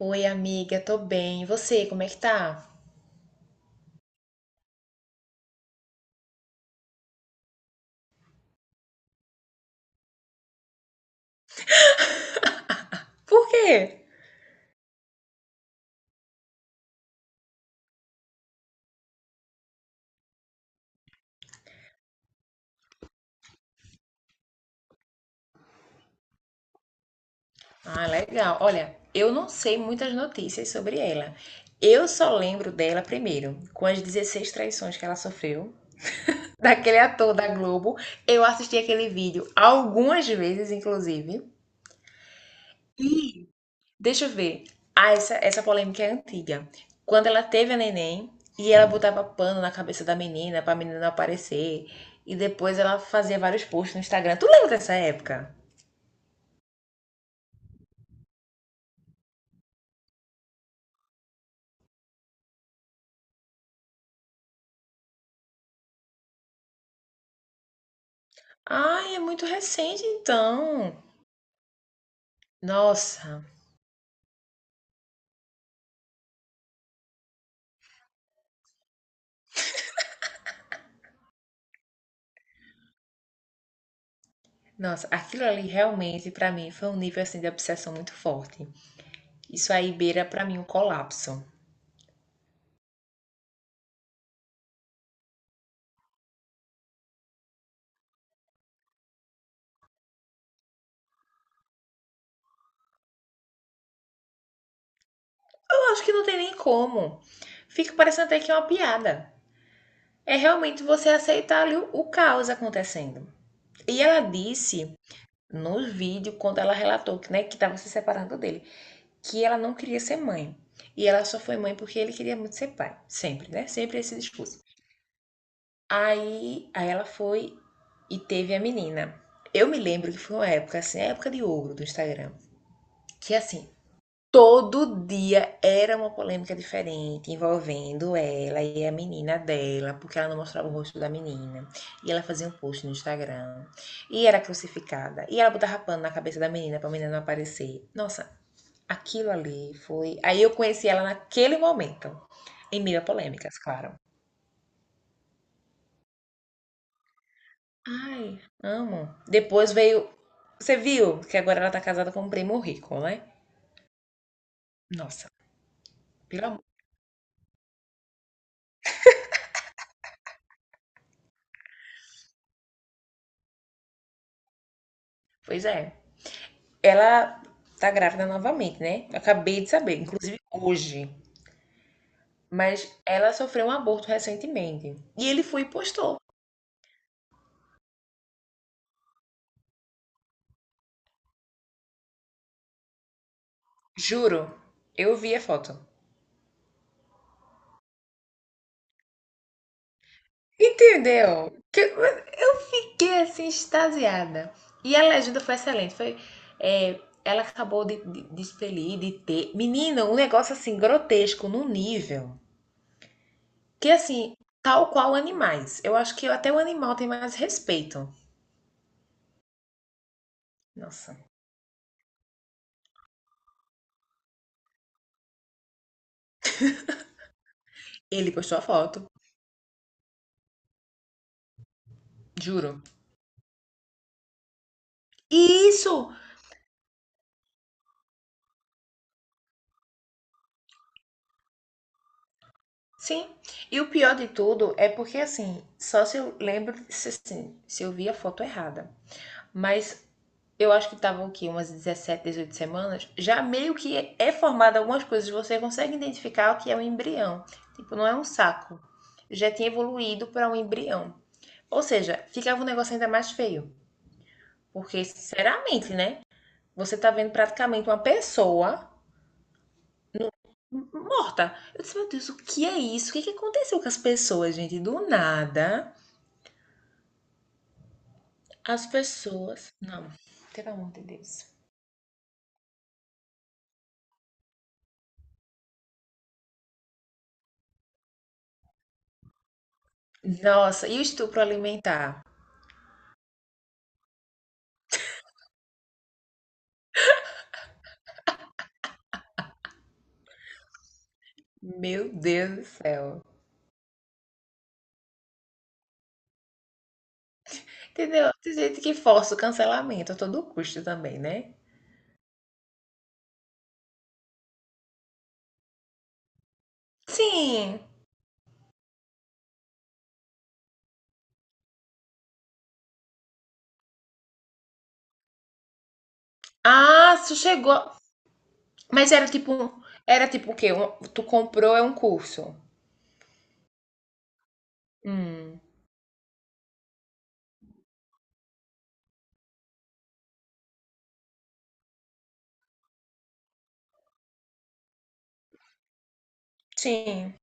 Oi, amiga, tô bem. E você, como é que tá? Por quê? Ah, legal. Olha, eu não sei muitas notícias sobre ela. Eu só lembro dela primeiro, com as 16 traições que ela sofreu, daquele ator da Globo. Eu assisti aquele vídeo algumas vezes, inclusive. Deixa eu ver. Ah, essa polêmica é antiga. Quando ela teve a neném e ela botava pano na cabeça da menina pra menina não aparecer. E depois ela fazia vários posts no Instagram. Tu lembra dessa época? Ai, é muito recente então. Nossa, nossa, aquilo ali realmente pra mim foi um nível assim de obsessão muito forte. Isso aí beira pra mim um colapso. Eu acho que não tem nem como. Fica parecendo até que é uma piada. É realmente você aceitar ali o caos acontecendo. E ela disse no vídeo quando ela relatou que, né, que estava se separando dele, que ela não queria ser mãe. E ela só foi mãe porque ele queria muito ser pai, sempre, né? Sempre esse discurso. Aí ela foi e teve a menina. Eu me lembro que foi uma época, assim, a época de ouro do Instagram, que assim, todo dia era uma polêmica diferente envolvendo ela e a menina dela, porque ela não mostrava o rosto da menina. E ela fazia um post no Instagram, e era crucificada, e ela botava pano na cabeça da menina pra menina não aparecer. Nossa, aquilo ali foi. Aí eu conheci ela naquele momento, em meio a polêmicas, claro. Ai, amo. Depois veio. Você viu que agora ela tá casada com um primo rico, né? Nossa, pelo amor. Pois é. Ela tá grávida novamente, né? Eu acabei de saber, inclusive hoje. Mas ela sofreu um aborto recentemente. E ele foi e postou. Juro. Eu vi a foto. Entendeu? Que eu fiquei assim, extasiada. E a legenda foi excelente. Foi, é, ela acabou de expelir, de ter. Menina, um negócio assim, grotesco, num nível. Que assim, tal qual animais. Eu acho que até o animal tem mais respeito. Nossa. Ele postou a foto, juro. E isso! Sim. E o pior de tudo é porque assim, só se eu lembro, se, assim, se eu vi a foto errada, mas eu acho que estavam aqui umas 17, 18 semanas, já meio que é, é formado algumas coisas, você consegue identificar o que é um embrião. Tipo, não é um saco. Já tinha evoluído para um embrião. Ou seja, ficava um negócio ainda mais feio. Porque, sinceramente, né? Você tá vendo praticamente uma pessoa morta. Eu disse, meu Deus, o que é isso? O que, que aconteceu com as pessoas, gente? Do nada, as pessoas. Não, pelo amor de Deus. Nossa, e o estupro alimentar? Meu Deus do céu. Entendeu? Tem gente que força o cancelamento a todo custo também, né? Sim. Ah, tu chegou. Mas era tipo um. Era tipo o quê? Um- tu comprou é um curso. Hum. Sim,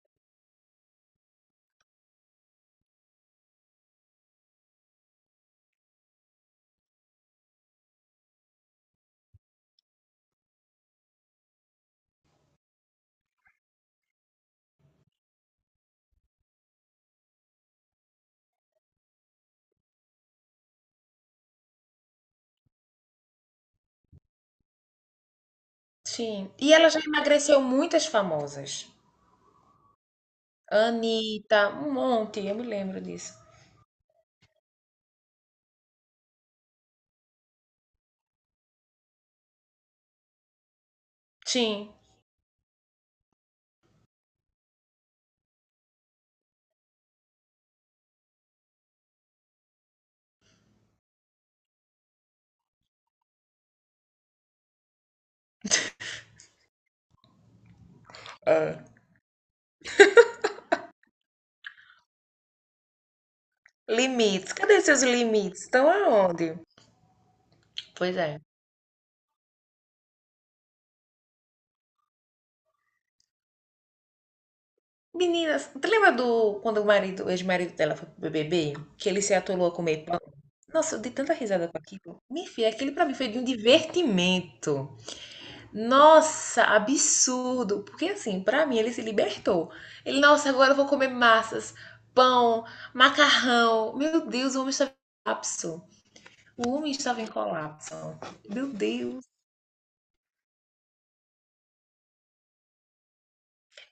sim. E ela já emagreceu muitas famosas. Anitta, um monte, eu me lembro disso. Sim. É. Limites. Cadê seus limites? Estão aonde? Pois é. Meninas, tu lembra do quando o marido, o ex-marido dela foi pro BBB? Que ele se atolou a comer. Nossa, eu dei tanta risada com aquilo. Minha filha, aquilo pra mim foi de um divertimento. Nossa, absurdo. Porque assim, pra mim ele se libertou. Ele, nossa, agora eu vou comer massas, pão, macarrão. Meu Deus, o homem estava em colapso. O homem estava em colapso. Meu Deus.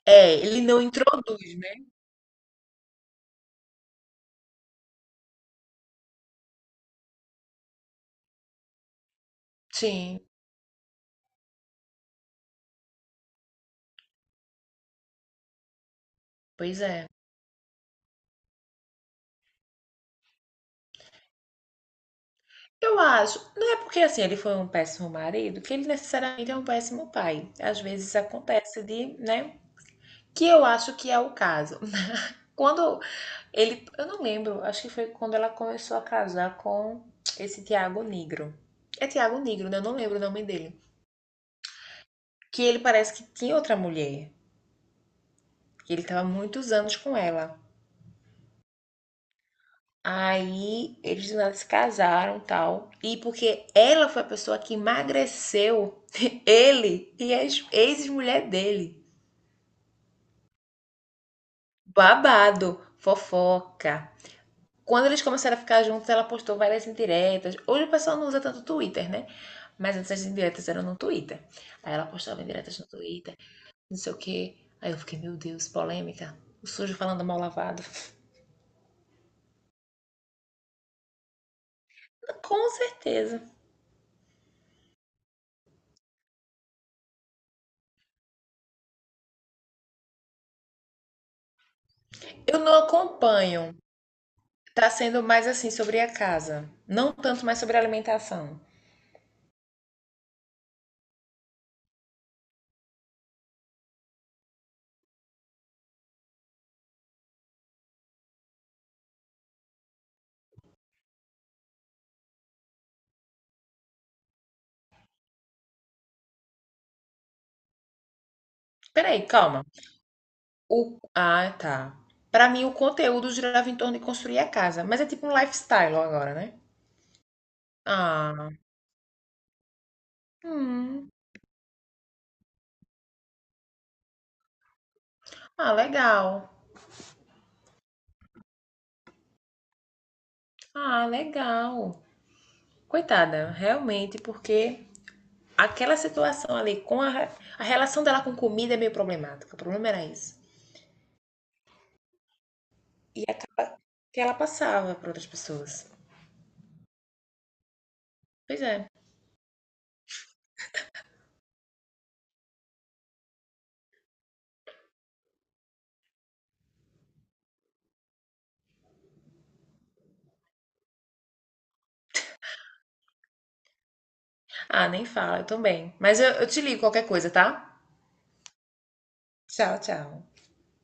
É, ele não introduz, né? Sim, pois é. Eu acho, não é porque assim ele foi um péssimo marido que ele necessariamente é um péssimo pai. Às vezes acontece de, né? Que eu acho que é o caso. Quando ele, eu não lembro, acho que foi quando ela começou a casar com esse Tiago Negro. É Tiago Negro, né? Eu não lembro o nome dele. Que ele parece que tinha outra mulher, que ele tava muitos anos com ela. Aí eles nada se casaram e tal. E porque ela foi a pessoa que emagreceu ele e a ex-mulher dele. Babado, fofoca. Quando eles começaram a ficar juntos, ela postou várias indiretas. Hoje o pessoal não usa tanto o Twitter, né? Mas antes as indiretas eram no Twitter. Aí ela postava indiretas no Twitter, não sei o quê. Aí eu fiquei, meu Deus, polêmica. O sujo falando mal lavado. Com certeza. Eu não acompanho. Tá sendo mais assim sobre a casa. Não tanto mais sobre a alimentação. Peraí, calma. O... Ah, tá. Pra mim, o conteúdo girava em torno de construir a casa. Mas é tipo um lifestyle agora, né? Ah, hum. Ah, legal. Ah, legal. Coitada, realmente, porque aquela situação ali com a, re- a relação dela com comida é meio problemática. O problema era isso. E acaba que ela passava para outras pessoas. Pois é. Ah, nem fala, eu também. Mas eu te ligo qualquer coisa, tá? Tchau, tchau.